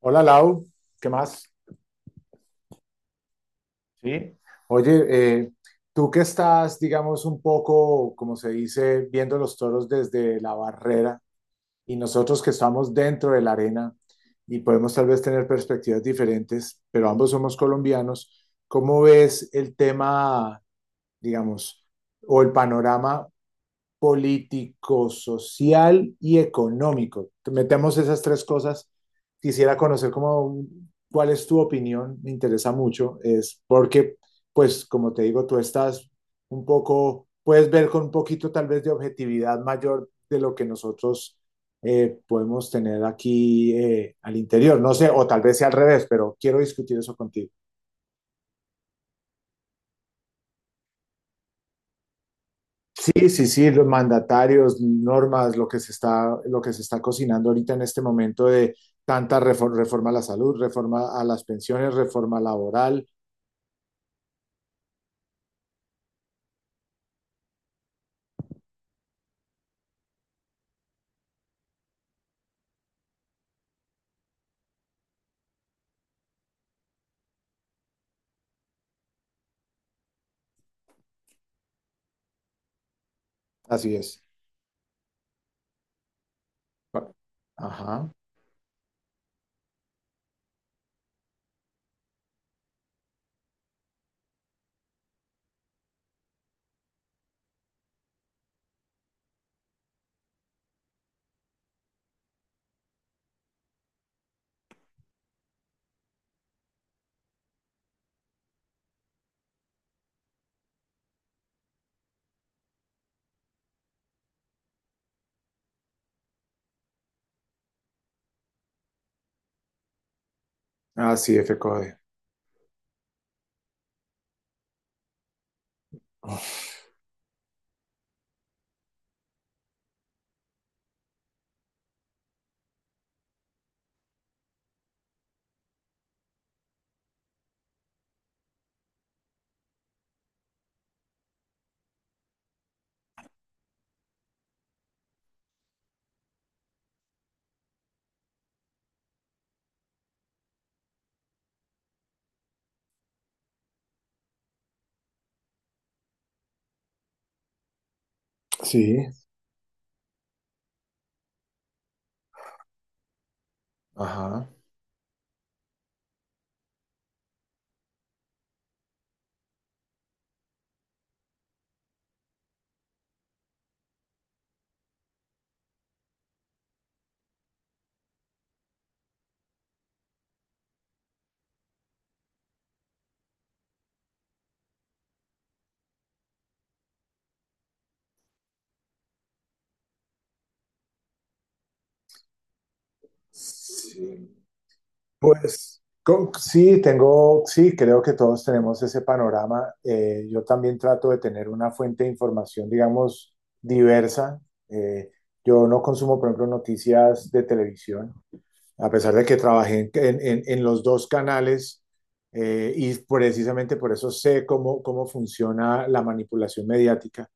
Hola Lau, ¿qué más? Sí. Oye, tú que estás, digamos, un poco, como se dice, viendo los toros desde la barrera y nosotros que estamos dentro de la arena y podemos tal vez tener perspectivas diferentes, pero ambos somos colombianos. ¿Cómo ves el tema, digamos, o el panorama político, social y económico? Metemos esas tres cosas. Quisiera conocer cómo, cuál es tu opinión, me interesa mucho, es porque, pues, como te digo, tú estás un poco, puedes ver con un poquito tal vez de objetividad mayor de lo que nosotros podemos tener aquí al interior. No sé, o tal vez sea al revés, pero quiero discutir eso contigo. Sí, sí, sí, los mandatarios, normas, lo que se está cocinando ahorita en este momento de tanta reforma a la salud, reforma a las pensiones, reforma laboral, así es. Ajá. Ah, sí, FCODE. Sí, ajá. Sí. Pues, sí, sí, creo que todos tenemos ese panorama. Yo también trato de tener una fuente de información, digamos, diversa. Eh, yo no consumo, por ejemplo, noticias de televisión, a pesar de que trabajé en los dos canales, y precisamente por eso sé cómo funciona la manipulación mediática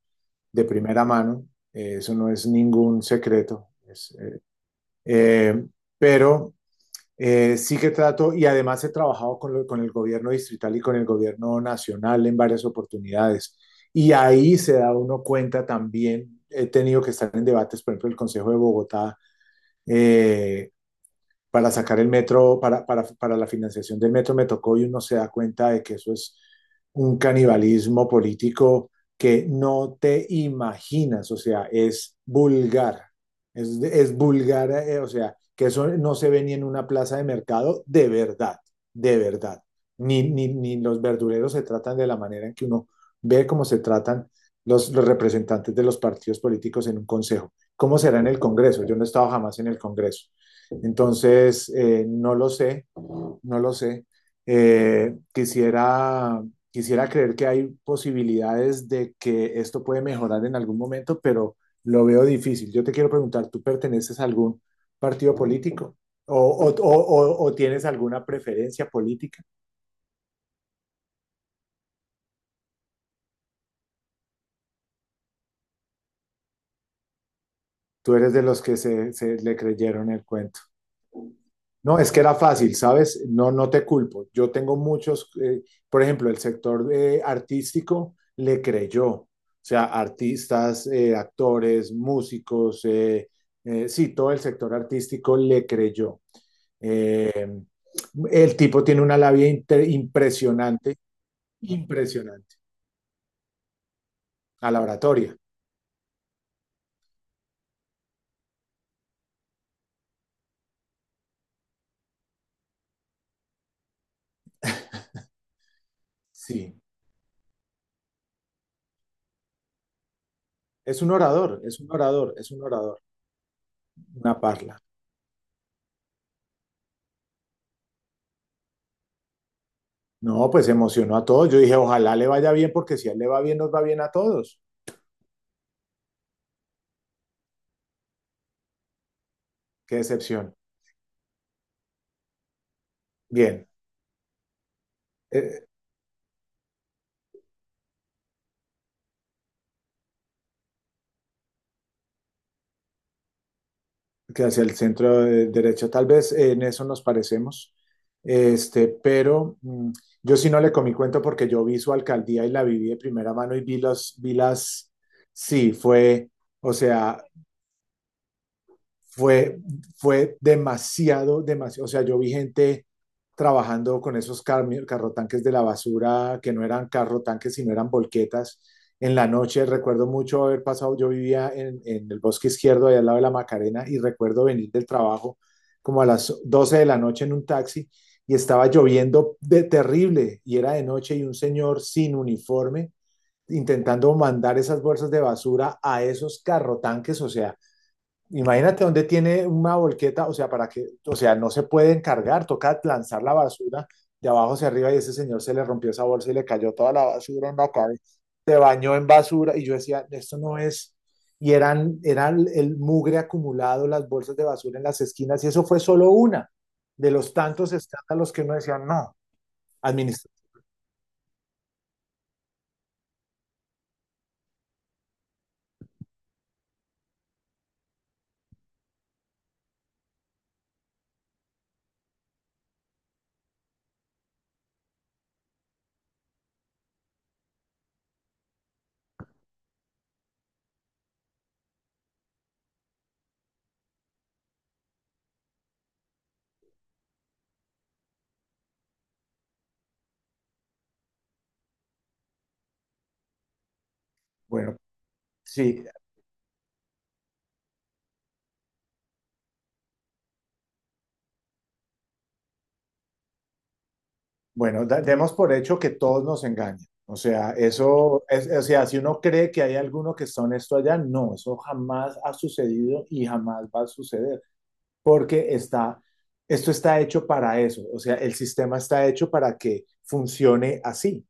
de primera mano. Eso no es ningún secreto, eh, pero sí que trato, y además he trabajado con el gobierno distrital y con el gobierno nacional en varias oportunidades, y ahí se da uno cuenta también. He tenido que estar en debates, por ejemplo, el Consejo de Bogotá. Eh, para sacar el metro, para la financiación del metro me tocó, y uno se da cuenta de que eso es un canibalismo político que no te imaginas. O sea, es vulgar, es vulgar, o sea, que eso no se ve ni en una plaza de mercado, de verdad, de verdad. Ni los verduleros se tratan de la manera en que uno ve cómo se tratan los representantes de los partidos políticos en un consejo. ¿Cómo será en el Congreso? Yo no he estado jamás en el Congreso. Entonces, no lo sé, no lo sé. Eh, quisiera, quisiera creer que hay posibilidades de que esto puede mejorar en algún momento, pero lo veo difícil. Yo te quiero preguntar, ¿tú perteneces a algún partido político? ¿O o tienes alguna preferencia política? ¿Tú eres de los que se le creyeron el cuento? No, es que era fácil, ¿sabes? No, no te culpo. Yo tengo muchos, por ejemplo, el sector artístico le creyó, o sea, artistas, actores, músicos, sí, todo el sector artístico le creyó. Eh, el tipo tiene una labia impresionante, impresionante, a la oratoria, sí. Es un orador, es un orador, es un orador, una parla. No, pues emocionó a todos. Yo dije, ojalá le vaya bien, porque si a él le va bien, nos va bien a todos. Qué decepción. Bien, eh, que hacia el centro de derecho. Tal vez en eso nos parecemos, este, pero yo sí no le comí cuento porque yo vi su alcaldía y la viví de primera mano, y vi, vi las, sí, o sea, fue, fue demasiado, demasiado. O sea, yo vi gente trabajando con esos carrotanques de la basura, que no eran carrotanques, sino eran volquetas. En la noche recuerdo mucho haber pasado, yo vivía en el bosque izquierdo, allá al lado de la Macarena, y recuerdo venir del trabajo como a las 12 de la noche en un taxi, y estaba lloviendo de terrible y era de noche, y un señor sin uniforme intentando mandar esas bolsas de basura a esos carrotanques. O sea, imagínate, dónde tiene una volqueta, o sea, para que, o sea, no se pueden cargar, toca lanzar la basura de abajo hacia arriba, y ese señor se le rompió esa bolsa y le cayó toda la basura en la cabeza. Se bañó en basura y yo decía, esto no es. Y eran, eran el mugre acumulado, las bolsas de basura en las esquinas, y eso fue solo una de los tantos escándalos que uno decía, no, administración. Bueno, sí. Bueno, demos por hecho que todos nos engañan. O sea, eso es, o sea, si uno cree que hay alguno que está honesto allá, no, eso jamás ha sucedido y jamás va a suceder, porque está, esto está hecho para eso. O sea, el sistema está hecho para que funcione así.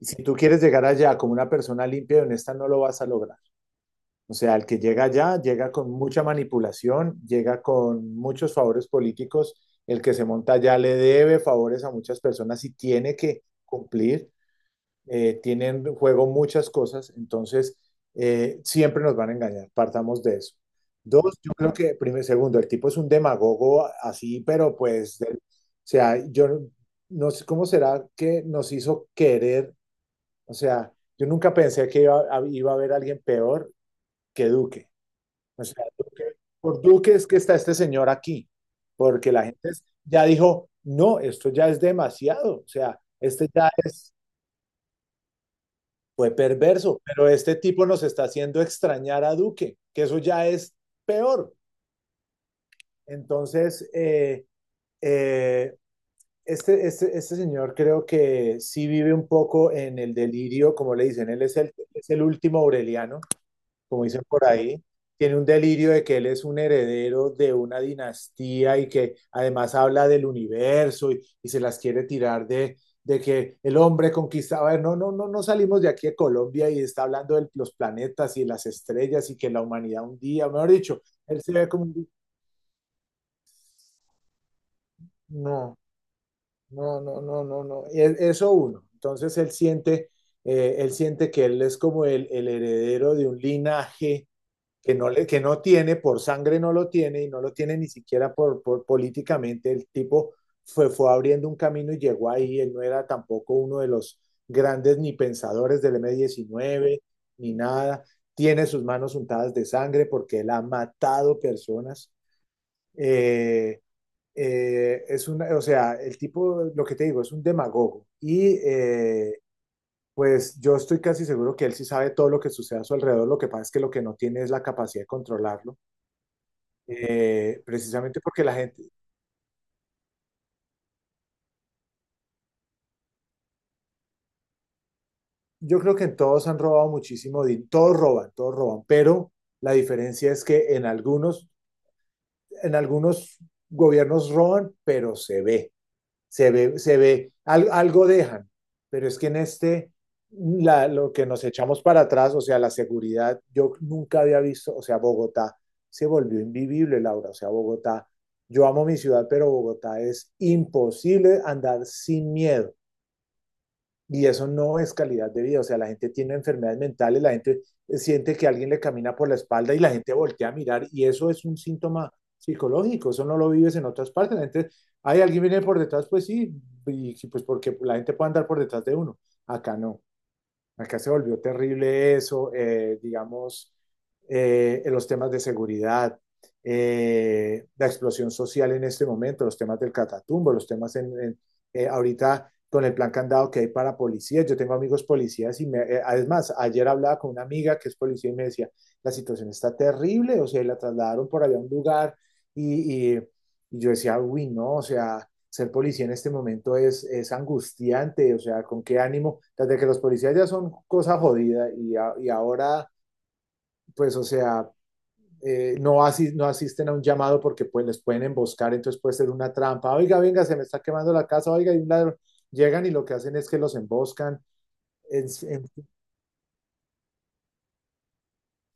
Si tú quieres llegar allá como una persona limpia y honesta, no lo vas a lograr. O sea, el que llega allá llega con mucha manipulación, llega con muchos favores políticos, el que se monta allá le debe favores a muchas personas y tiene que cumplir. Tienen en juego muchas cosas, entonces siempre nos van a engañar, partamos de eso. Dos, yo creo que, primero, segundo, el tipo es un demagogo así, pero pues, o sea, yo no sé cómo será que nos hizo querer. O sea, yo nunca pensé que iba a haber alguien peor que Duque. O sea, por Duque es que está este señor aquí, porque la gente ya dijo, no, esto ya es demasiado, o sea, este ya es, fue perverso, pero este tipo nos está haciendo extrañar a Duque, que eso ya es peor. Entonces, eh, este, este señor creo que sí vive un poco en el delirio, como le dicen, él es el último Aureliano, como dicen por ahí, tiene un delirio de que él es un heredero de una dinastía y que además habla del universo, y se las quiere tirar de que el hombre conquistaba. A ver, no, no, no, no salimos de aquí de Colombia y está hablando de los planetas y las estrellas y que la humanidad un día, mejor dicho, él se ve como, no, no, no, no, no, no, eso uno. Entonces él siente que él es como el heredero de un linaje que no, le, que no tiene, por sangre no lo tiene y no lo tiene ni siquiera por políticamente. El tipo fue, fue abriendo un camino y llegó ahí. Él no era tampoco uno de los grandes ni pensadores del m 19 ni nada. Tiene sus manos untadas de sangre porque él ha matado personas. Eh, es una, o sea, el tipo, lo que te digo, es un demagogo. Y pues yo estoy casi seguro que él sí sabe todo lo que sucede a su alrededor. Lo que pasa es que lo que no tiene es la capacidad de controlarlo, precisamente porque la gente, yo creo que en todos han robado muchísimo, todos roban, pero la diferencia es que en algunos gobiernos roban, pero se ve, se ve, se ve, algo dejan, pero es que en este, lo que nos echamos para atrás, o sea, la seguridad, yo nunca había visto, o sea, Bogotá se volvió invivible, Laura, o sea, Bogotá, yo amo mi ciudad, pero Bogotá es imposible andar sin miedo. Y eso no es calidad de vida. O sea, la gente tiene enfermedades mentales, la gente siente que alguien le camina por la espalda y la gente voltea a mirar, y eso es un síntoma psicológico, eso no lo vives en otras partes. La gente, hay alguien viene por detrás, pues sí, y pues porque la gente puede andar por detrás de uno. Acá no. Acá se volvió terrible eso, digamos, en los temas de seguridad, la explosión social en este momento, los temas del catatumbo, los temas ahorita con el plan candado que hay para policías. Yo tengo amigos policías y me, además, ayer hablaba con una amiga que es policía y me decía, la situación está terrible, o sea, y la trasladaron por allá a un lugar y, y- y yo decía, uy, no, o sea, ser policía en este momento es angustiante, o sea, con qué ánimo, desde que los policías ya son cosa jodida y, y ahora, pues, o sea, no, no asisten a un llamado porque pues les pueden emboscar, entonces puede ser una trampa, oiga, venga, se me está quemando la casa, oiga, hay un ladrón, llegan y lo que hacen es que los emboscan. En- en-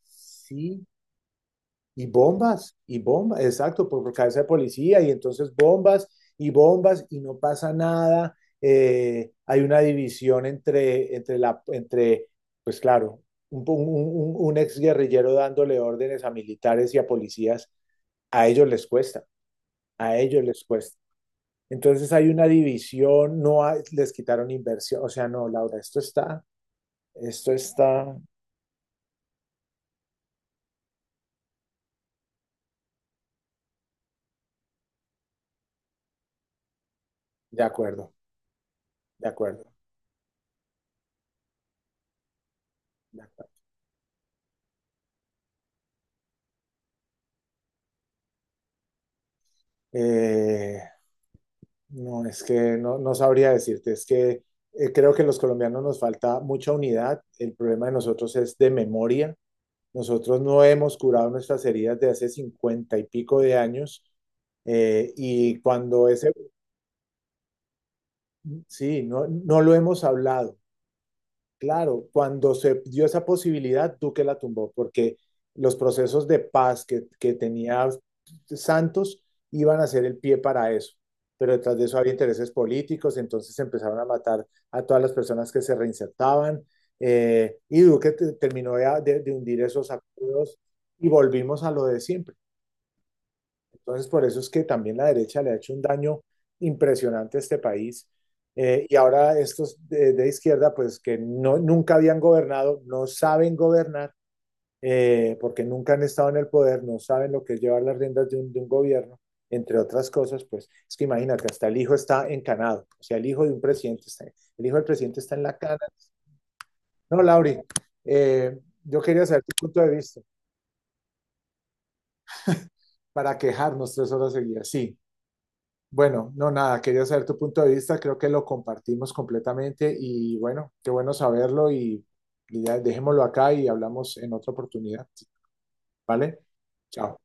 sí, y bombas, y bombas, exacto, por cabeza de policía, y entonces bombas y bombas, y no pasa nada. Hay una división entre, pues claro, un ex guerrillero dándole órdenes a militares y a policías, a ellos les cuesta, a ellos les cuesta. Entonces hay una división, no hay- les quitaron inversión. O sea, no, Laura, esto está, de acuerdo, de acuerdo, de acuerdo. Eh, No, es que no, no sabría decirte, es que creo que los colombianos nos falta mucha unidad, el problema de nosotros es de memoria, nosotros no hemos curado nuestras heridas de hace 50 y pico de años, y cuando ese, sí, no, no lo hemos hablado. Claro, cuando se dio esa posibilidad, Duque la tumbó, porque los procesos de paz que tenía Santos iban a ser el pie para eso. Pero detrás de eso había intereses políticos, entonces empezaron a matar a todas las personas que se reinsertaban. Y Duque terminó de, de hundir esos acuerdos, y volvimos a lo de siempre. Entonces, por eso es que también la derecha le ha hecho un daño impresionante a este país. Y ahora estos izquierda, pues que no, nunca habían gobernado, no saben gobernar, porque nunca han estado en el poder, no saben lo que es llevar las riendas de de un gobierno. Entre otras cosas, pues es que imagínate, hasta el hijo está encanado, o sea, el hijo de un presidente está, el hijo del presidente está en la cana. No, Lauri, eh, yo quería saber tu punto de vista para quejarnos 3 horas seguidas. Sí, bueno, no, nada, quería saber tu punto de vista, creo que lo compartimos completamente y bueno, qué bueno saberlo, y ya dejémoslo acá y hablamos en otra oportunidad, ¿vale? Chao.